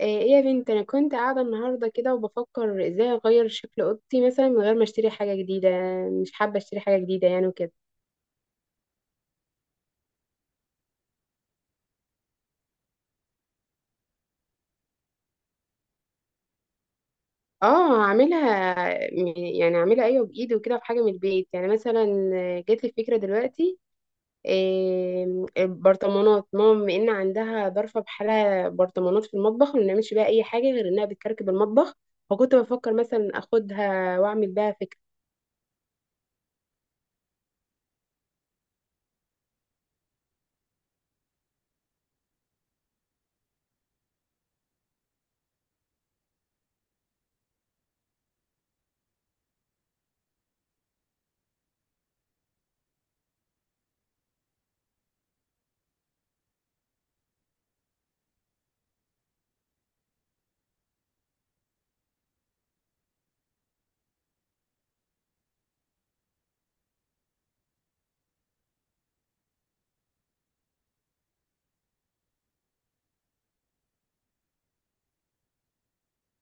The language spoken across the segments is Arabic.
ايه يا بنت، انا كنت قاعده النهارده كده وبفكر ازاي اغير شكل اوضتي مثلا من غير ما اشتري حاجه جديده. مش حابه اشتري حاجه جديده يعني وكده. اه، اعملها. يعني اعملها ايوه بايدي وكده، في حاجه من البيت يعني مثلا. جات لي فكره دلوقتي. إيه البرطمانات؟ ماما بما ان عندها ظرفه بحالها برطمانات في المطبخ، ما بنعملش بيها اي حاجه غير انها بتكركب المطبخ. فكنت بفكر مثلا اخدها واعمل بيها فكره.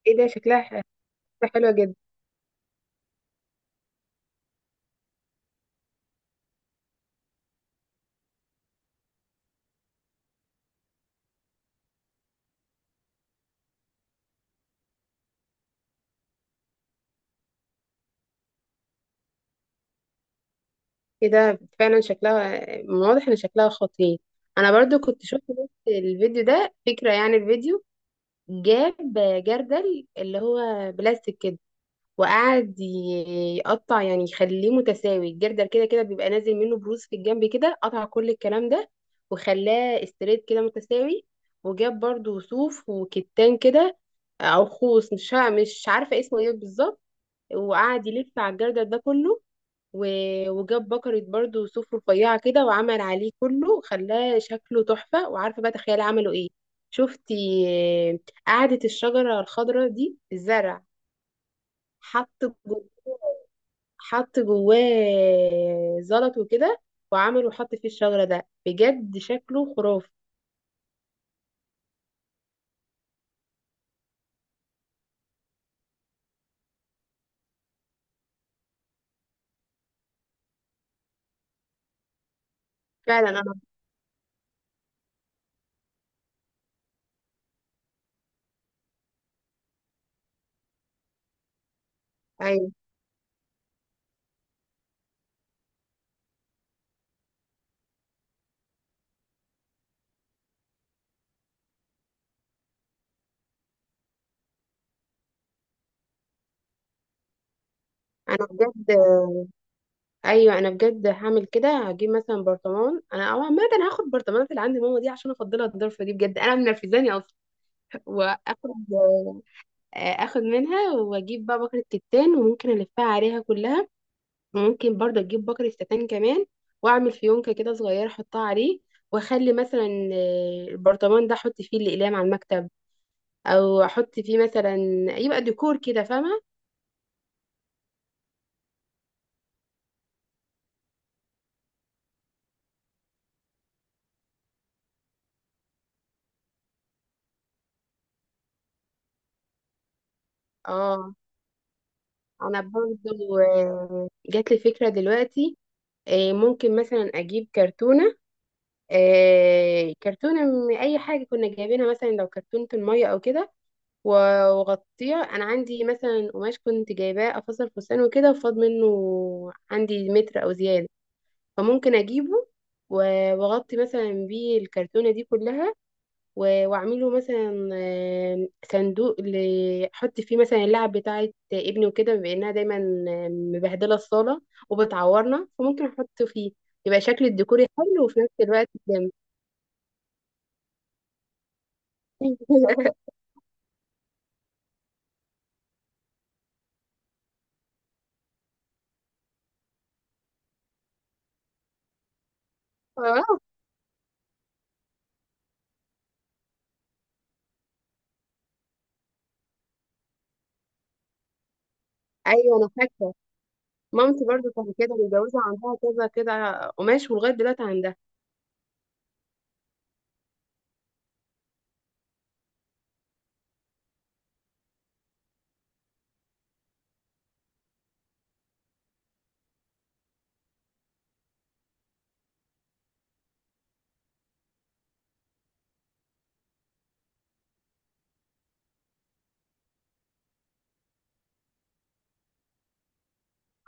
ايه ده، شكلها حلوه جدا. ايه ده فعلا شكلها، من واضح ان شكلها خطير. انا برضو كنت شفت بس الفيديو ده فكرة، يعني الفيديو جاب جردل اللي هو بلاستيك كده، وقعد يقطع، يعني يخليه متساوي. الجردل كده كده بيبقى نازل منه بروز في الجنب كده، قطع كل الكلام ده وخلاه استريت كده متساوي. وجاب برضو صوف وكتان كده، او خوص مش عارفة اسمه ايه بالظبط، وقعد يلف على الجردل ده كله. وجاب بكرة برضو صوف رفيعة كده، وعمل عليه كله خلاه شكله تحفة. وعارفة بقى تخيلي عملوا ايه؟ شفتي آه، قعدة الشجرة الخضراء دي الزرع، حط جواه حط جواه زلط وكده، وعمل وحط فيه الشجرة ده، بجد شكله خرافي. فعلا انا، ايوه انا بجد، هعمل كده. هجيب مثلا برطمان، انا او عامه هاخد برطمانات اللي عند ماما دي عشان افضلها، الضرفه دي بجد انا منرفزاني اصلا. واخد آه، اخد منها، واجيب بقى بكرة كتان وممكن الفها عليها كلها. وممكن برضه اجيب بكرة كتان كمان، واعمل فيونكة كده صغيرة احطها عليه. واخلي مثلا البرطمان ده احط فيه الاقلام على المكتب، او احط فيه مثلا، يبقى ديكور كده، فاهمة؟ اه. انا برضه جات لي فكرة دلوقتي. ممكن مثلا اجيب كرتونة، كرتونة من اي حاجة كنا جايبينها، مثلا لو كرتونة المية او كده، و- واغطيه. انا عندي مثلا قماش كنت جايباه افصل فستان وكده وفاض منه، عندي متر او زياده، فممكن اجيبه واغطي مثلا بيه الكرتونه دي كلها، واعمله مثلا صندوق احط فيه مثلا اللعب بتاعه ابني وكده، بانها دايما مبهدله الصاله وبتعورنا، فممكن احط فيه، يبقى شكل الديكور حلو وفي نفس الوقت جامد. آه، ايوه انا فاكره. مامتي برضو كانت كده متجوزة، عندها كذا كده قماش ولغاية دلوقتي عندها.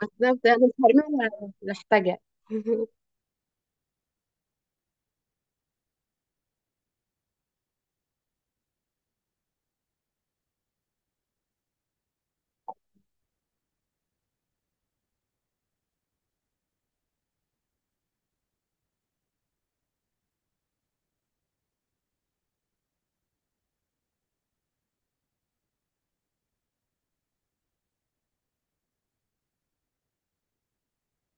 بس ده أنا مش هرميها، محتاجة.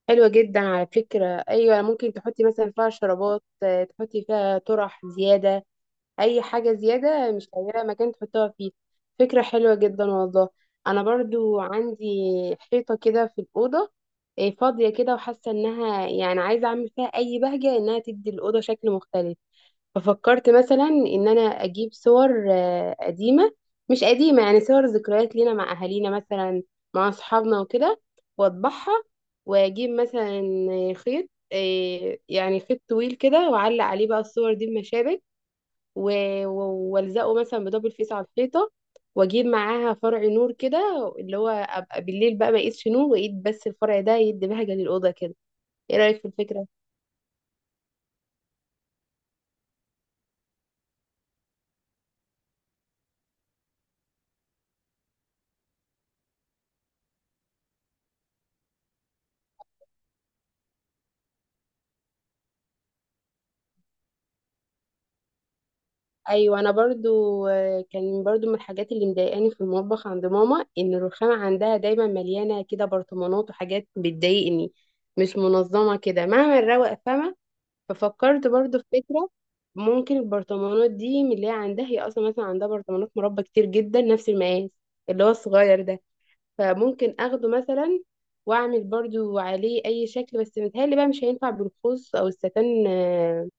حلوة جدا على فكرة، أيوة، ممكن تحطي مثلا فيها شرابات، تحطي فيها طرح زيادة، أي حاجة زيادة مش لاقية مكان تحطها فيه. فكرة حلوة جدا والله. أنا برضو عندي حيطة كده في الأوضة فاضية كده، وحاسة إنها يعني عايزة أعمل فيها أي بهجة إنها تدي الأوضة شكل مختلف. ففكرت مثلا ان انا اجيب صور قديمه، مش قديمه يعني، صور ذكريات لينا مع اهالينا مثلا، مع اصحابنا وكده، واطبعها، واجيب مثلا خيط، يعني خيط طويل كده، واعلق عليه بقى الصور دي بمشابك، والزقه مثلا بدبل فيس على الحيطه. واجيب معاها فرع نور كده، اللي هو ابقى بالليل بقى ما اقيدش نور واقيد بس الفرع ده، يدي بهجه للاوضه كده. ايه رايك في الفكره؟ ايوه انا برضو كان برضو من الحاجات اللي مضايقاني في المطبخ عند ماما، ان الرخامه عندها دايما مليانه كده برطمانات وحاجات، بتضايقني مش منظمه كده مهما الروق فما. ففكرت برضو في فكره، ممكن البرطمانات دي من اللي هي عندها، هي اصلا مثلا عندها برطمانات مربى كتير جدا نفس المقاس، اللي هو الصغير ده، فممكن اخده مثلا واعمل برضو عليه اي شكل. بس متهيألي بقى مش هينفع بالخوص او الستان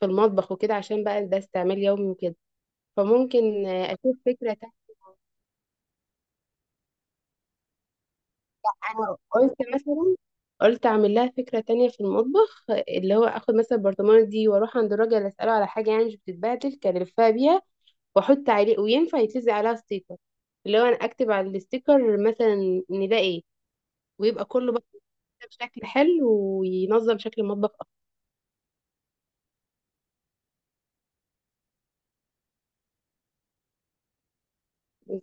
في المطبخ وكده، عشان بقى ده استعمال يومي وكده. فممكن اشوف فكرة تانية. انا قلت مثلا، قلت اعمل لها فكرة تانية في المطبخ آه،، اللي هو اخد مثلا البرطمانة دي واروح عند الراجل اسأله على حاجة يعني مش بتتبهدل، كان لفها بيها واحط عليه، وينفع يتلزق عليها ستيكر، اللي هو انا اكتب على الستيكر مثلا ان ده ايه، ويبقى كله بقى بشكل حلو، وينظم شكل المطبخ اكتر.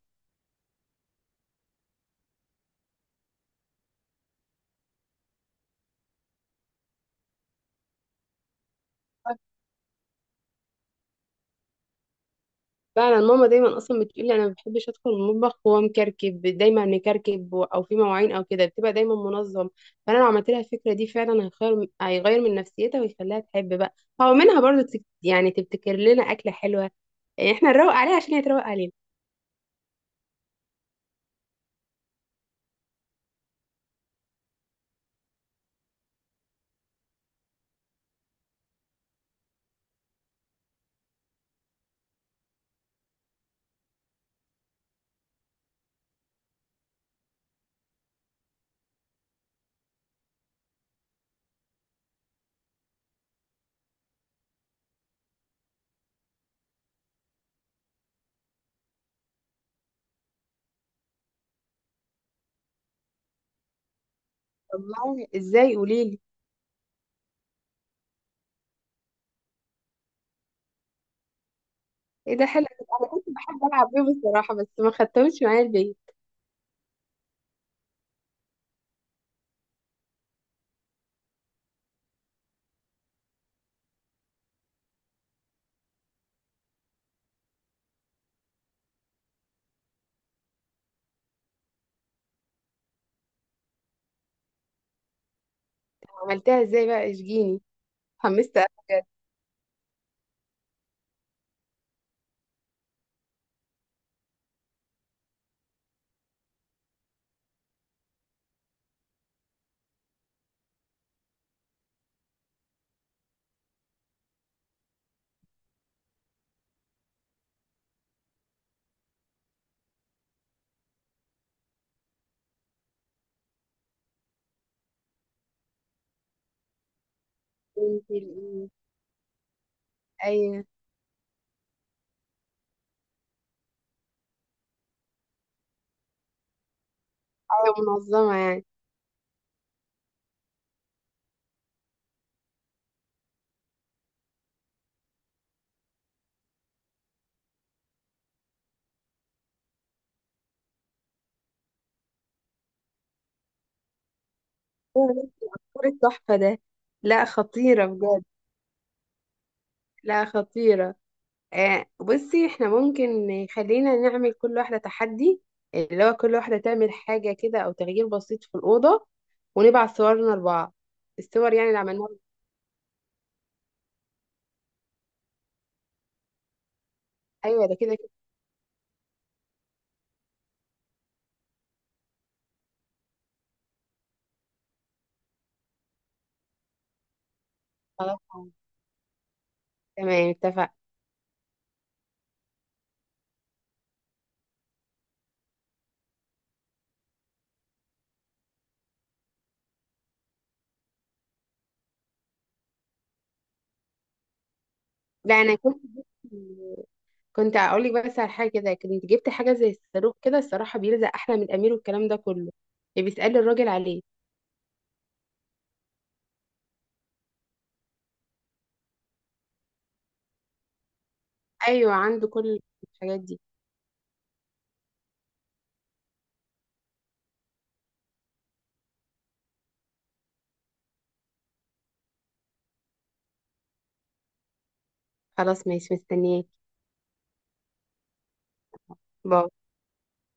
فعلا ماما دايما اصلا بتقولي انا ما بحبش ادخل المطبخ وهو مكركب، دايما مكركب او في مواعين او كده، بتبقى دايما منظم. فانا لو عملت لها الفكره دي فعلا هيغير من نفسيتها ويخليها تحب بقى. هو منها برضو يعني تبتكر لنا اكله حلوه، يعني احنا نروق عليها عشان هي تروق علينا. والله ازاي؟ قولي لي. ايه ده، حلو. انا كنت بحب العب بيهم الصراحه، بس ما خدتهمش معايا البيت. عملتها ازاي بقى؟ اشجيني، حمست أوي بجد. انتي ال- ايه، ايوه ايوه، منظمه يعني. ايه يا بنتي، عصفور التحفة ده. لا خطيرة بجد. لا خطيرة. بصي، احنا ممكن خلينا نعمل كل واحدة تحدي، اللي هو كل واحدة تعمل حاجة كده أو تغيير بسيط في الأوضة، ونبعت صورنا لبعض. الصور يعني اللي عملناها. أيوة ده كده كده. خلاص، تمام، اتفق. لا أنا كنت، جبت- كنت أقول لك بس على حاجة كده، كنت جبت حاجة زي الصاروخ كده الصراحة، بيلزق أحلى من الأمير والكلام ده كله، اللي بيسأل الراجل عليه. أيوة عنده كل الحاجات دي. خلاص ماشي، مستنياك. باي.